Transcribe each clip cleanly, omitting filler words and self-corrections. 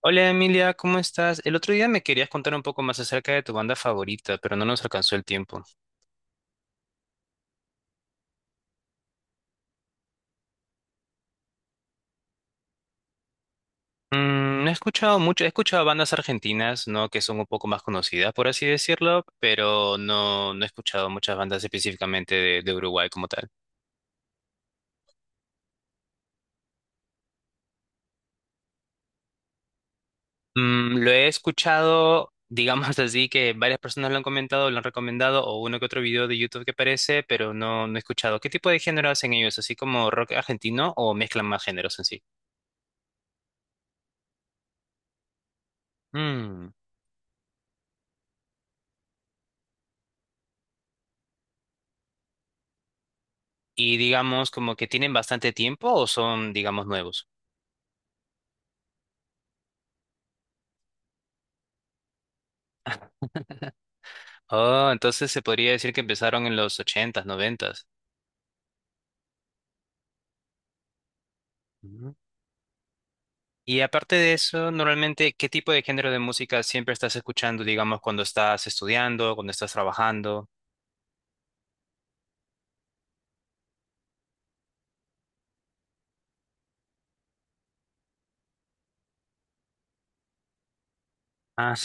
Hola Emilia, ¿cómo estás? El otro día me querías contar un poco más acerca de tu banda favorita, pero no nos alcanzó el tiempo. Mm, no he escuchado mucho, he escuchado bandas argentinas, ¿no? Que son un poco más conocidas, por así decirlo, pero no, no he escuchado muchas bandas específicamente de Uruguay como tal. Mm, lo he escuchado, digamos así, que varias personas lo han comentado, lo han recomendado, o uno que otro video de YouTube que aparece, pero no, no he escuchado. ¿Qué tipo de género hacen ellos? ¿Así como rock argentino o mezclan más géneros en sí? Y digamos como que tienen bastante tiempo o son, digamos, nuevos. Oh, entonces se podría decir que empezaron en los ochentas, noventas. Ujú. Y aparte de eso, normalmente, ¿qué tipo de género de música siempre estás escuchando, digamos, cuando estás estudiando, cuando estás trabajando? Ah,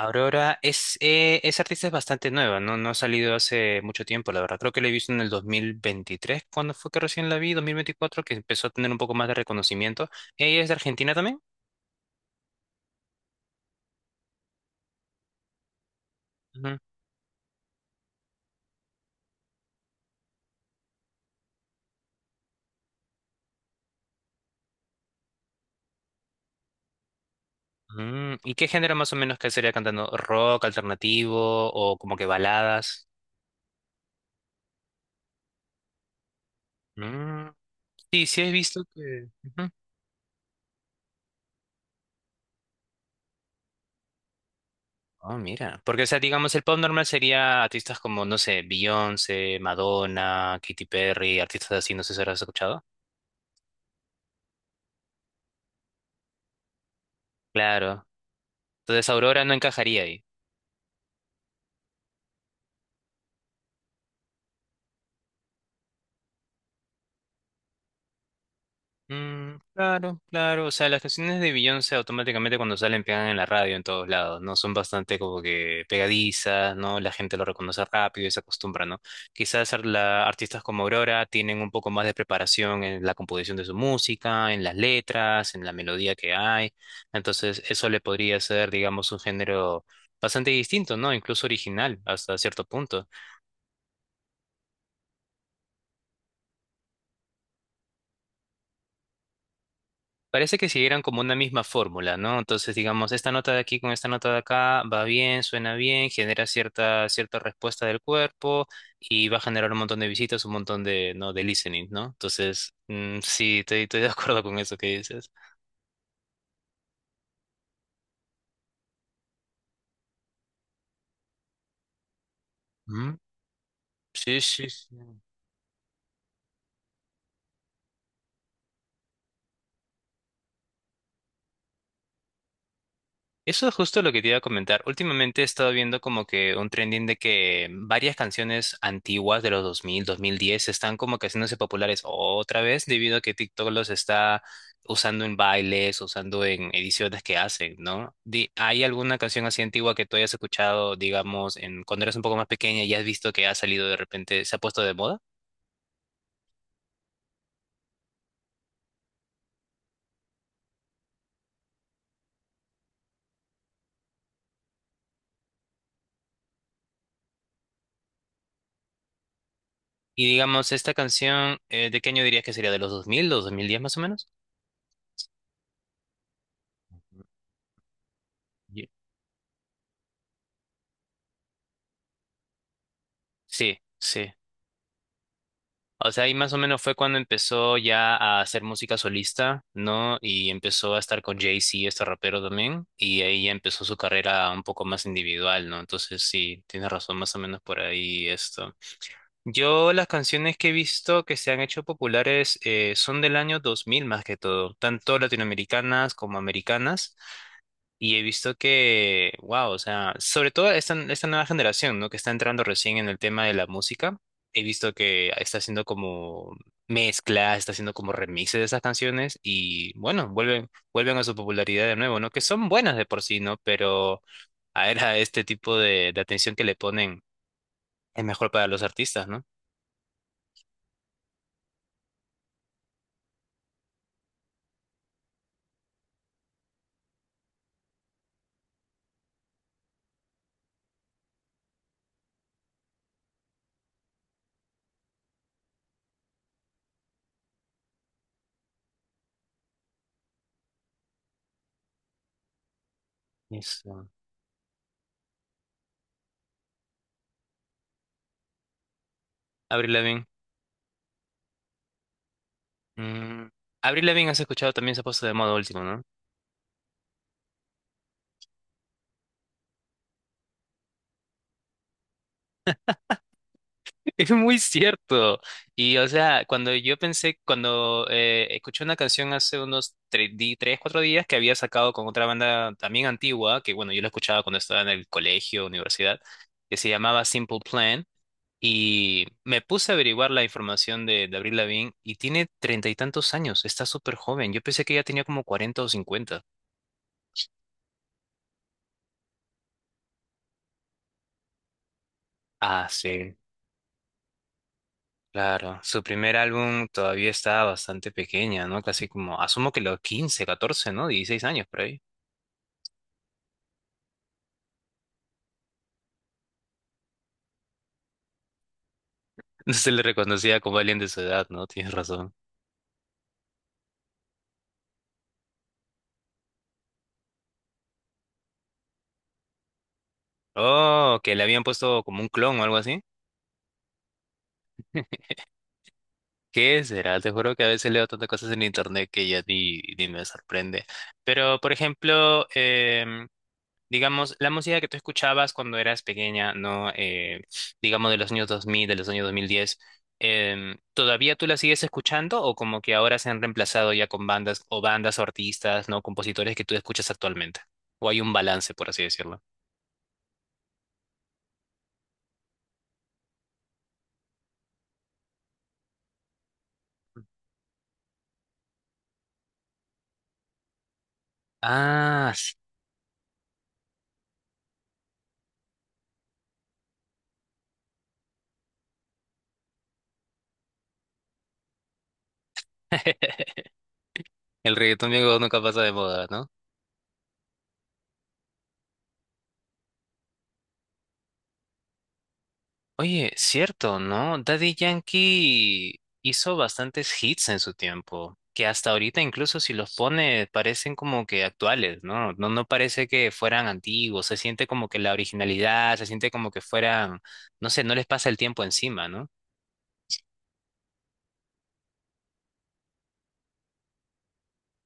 Aurora es, esa artista es bastante nueva, ¿no? No ha salido hace mucho tiempo, la verdad. Creo que la he visto en el 2023, cuando fue que recién la vi, 2024, que empezó a tener un poco más de reconocimiento. ¿Ella es de Argentina también? Mm, ¿y qué género más o menos que sería cantando? ¿Rock, alternativo o como que baladas? Mm, sí, sí he visto que ujú. Oh, mira. Porque, o sea, digamos, el pop normal sería artistas como, no sé, Beyoncé, Madonna, Katy Perry, artistas así, no sé si habrás escuchado. Claro. Entonces Aurora no encajaría ahí. Mm, claro, claro. O sea, las canciones de Beyoncé automáticamente cuando salen pegan en la radio en todos lados, ¿no? Son bastante como que pegadizas, ¿no? La gente lo reconoce rápido y se acostumbra, ¿no? Quizás ar- la- artistas como Aurora tienen un poco más de preparación en la composición de su música, en las letras, en la melodía que hay. Entonces, eso le podría ser, digamos, un género bastante distinto, ¿no? Incluso original hasta cierto punto. Parece que siguieran como una misma fórmula, ¿no? Entonces, digamos, esta nota de aquí con esta nota de acá va bien, suena bien, genera cierta respuesta del cuerpo y va a generar un montón de visitas, un montón de, ¿no? de listening, ¿no? Entonces, mm, sí, estoy de acuerdo con eso que dices. Ujú. Sí, sí, sí. Eso es justo lo que te iba a comentar. Últimamente he estado viendo como que un trending de que varias canciones antiguas de los 2000, 2010 están como que haciéndose populares otra vez debido a que TikTok los está usando en bailes, usando en ediciones que hacen, ¿no? Di- ¿Hay alguna canción así antigua que tú hayas escuchado, digamos, en cuando eras un poco más pequeña y has visto que ha salido de repente, se ha puesto de moda? Y digamos, esta canción, ¿de qué año dirías que sería? ¿De los 2000, los 2010 más o menos? Ye- Sí, sí. O sea, ahí más o menos fue cuando empezó ya a hacer música solista, ¿no? Y empezó a estar con Jay-Z, este rapero también, y ahí ya empezó su carrera un poco más individual, ¿no? Entonces sí, tienes razón, más o menos por ahí esto. Yo las canciones que he visto que se han hecho populares son del año 2000 más que todo, tanto latinoamericanas como americanas. Y he visto que, wow, o sea, esta nueva generación, ¿no? Que está entrando recién en el tema de la música. He visto que está haciendo como mezclas, está haciendo como remixes de esas canciones y bueno, vuelven a su popularidad de nuevo, ¿no? Que son buenas de por sí, ¿no? Pero a ver, a este tipo de atención que le ponen es mejor para los artistas, ¿no? Eso. Avril Lavigne. Mm, Avril Lavigne has escuchado también se ha puesto de moda último, ¿no? Es muy cierto. Y o sea, cuando yo pensé, cuando escuché una canción hace unos tres cuatro días que había sacado con otra banda también antigua, que bueno, yo la escuchaba cuando estaba en el colegio, universidad, que se llamaba Simple Plan, y me puse a averiguar la información de Avril Lavigne y tiene 30 y tantos años, está súper joven. Yo pensé que ya tenía como cuarenta o cincuenta. Ah, sí. Claro, su primer álbum todavía estaba bastante pequeña, ¿no? Casi como, asumo que los 15, 14, ¿no? 16 años por ahí. No se le reconocía como alguien de su edad, ¿no? Tienes razón. Oh, que le habían puesto como un clon o algo así. ¿Qué será? Te juro que a veces leo tantas cosas en internet que ya ni me sorprende. Pero, por ejemplo, digamos, la música que tú escuchabas cuando eras pequeña, ¿no? Digamos de los años 2000, de los años 2010, ¿todavía tú la sigues escuchando o como que ahora se han reemplazado ya con bandas o artistas, ¿no? Compositores que tú escuchas actualmente? ¿O hay un balance, por así decirlo? Ah, el reggaetón viejo nunca pasa de moda, ¿no? Oye, cierto, ¿no? Daddy Yankee hizo bastantes hits en su tiempo, que hasta ahorita incluso si los pone parecen como que actuales, ¿no? No, no parece que fueran antiguos, se siente como que la originalidad, se siente como que fueran, no sé, no les pasa el tiempo encima, ¿no?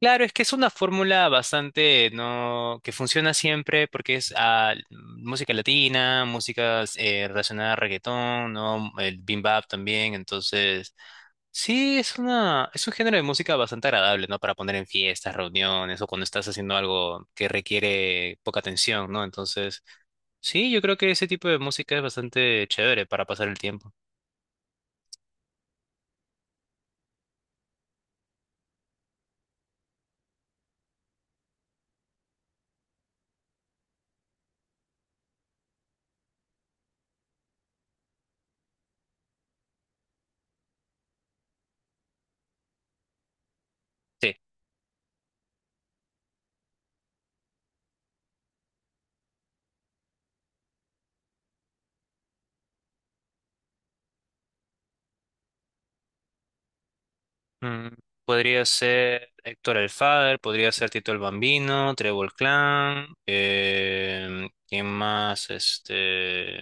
Claro, es que es una fórmula bastante, ¿no? que funciona siempre porque es ah, música latina, música relacionada a reggaetón, ¿no? El bebop también, entonces. Sí, es un género de música bastante agradable, ¿no? Para poner en fiestas, reuniones o cuando estás haciendo algo que requiere poca atención, ¿no? Entonces, sí, yo creo que ese tipo de música es bastante chévere para pasar el tiempo. Sí. Mm, podría ser Héctor el Father, podría ser Tito el Bambino, Trébol Clan, ¿quién más? Este,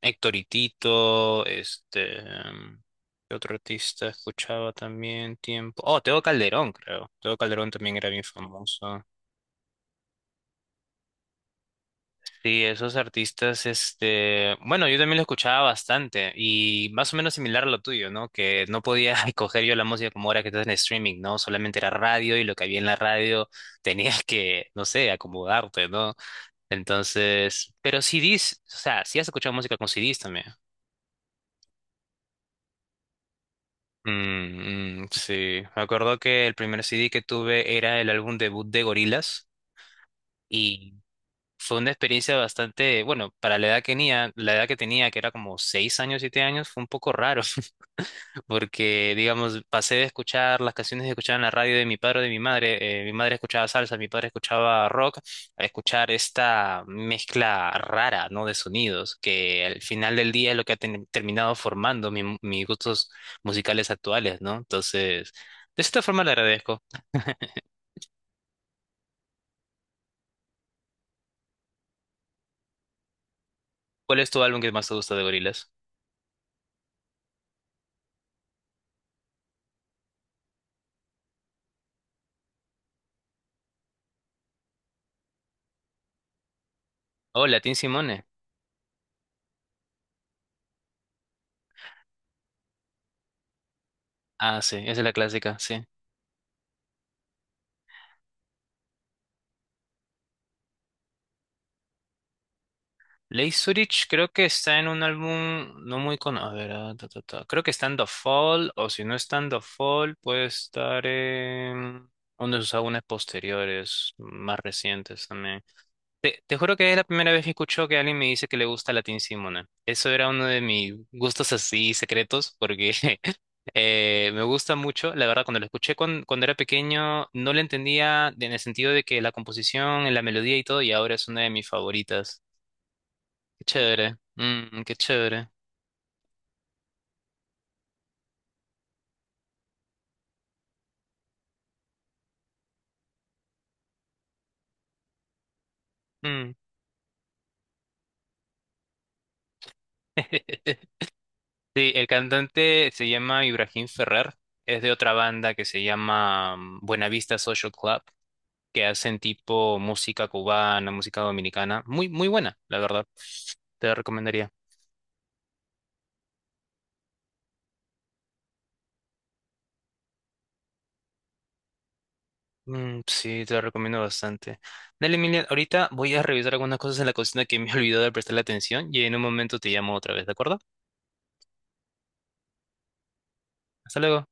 Héctor y Tito, ¿qué otro artista escuchaba también tiempo? Oh, Teo Calderón, creo. Teo Calderón también era bien famoso. Sí, esos artistas, este, bueno, yo también lo escuchaba bastante y más o menos similar a lo tuyo, ¿no? Que no podía coger yo la música como ahora que estás en streaming, ¿no? Solamente era radio y lo que había en la radio tenías que, no sé, acomodarte, ¿no? Entonces, pero CDs, o sea, sí has escuchado música con CDs también. Mm, mm, sí, me acuerdo que el primer CD que tuve era el álbum debut de Gorillaz. Y fue una experiencia bastante, bueno, para la edad que tenía, que era como seis años, siete años, fue un poco raro, porque, digamos, pasé de escuchar las canciones que escuchaba en la radio de mi padre o de mi madre escuchaba salsa, mi padre escuchaba rock, a escuchar esta mezcla rara, ¿no? De sonidos, que al final del día es lo que ha terminado formando mis gustos musicales actuales, ¿no? Entonces, de cierta forma le agradezco. ¿Cuál es tu álbum que más te gusta de Gorillaz? Hola, Latín Simone. Ah, sí, esa es la clásica, sí. Lay Zurich creo que está en un álbum no muy conocido. A ver, ah, ta, ta, ta. Creo que está en The Fall, o si no está en The Fall, puede estar en uno de sus álbumes posteriores, más recientes también. Te juro que es la primera vez que escucho que alguien me dice que le gusta Latin Simona. Eso era uno de mis gustos así secretos, porque me gusta mucho. La verdad, cuando lo escuché cuando, era pequeño, no lo entendía en el sentido de que la composición, la melodía y todo, y ahora es una de mis favoritas. Qué chévere. Mm, qué chévere. Mm. Sí, el cantante se llama Ibrahim Ferrer. Es de otra banda que se llama mm, Buenavista Social Club, que hacen tipo música cubana, música dominicana. Muy, muy buena, la verdad. Te la recomendaría. Mm, sí, te la recomiendo bastante. Dale, Emilia, ahorita voy a revisar algunas cosas en la cocina que me he olvidado de prestarle atención y en un momento te llamo otra vez, ¿de acuerdo? Hasta luego.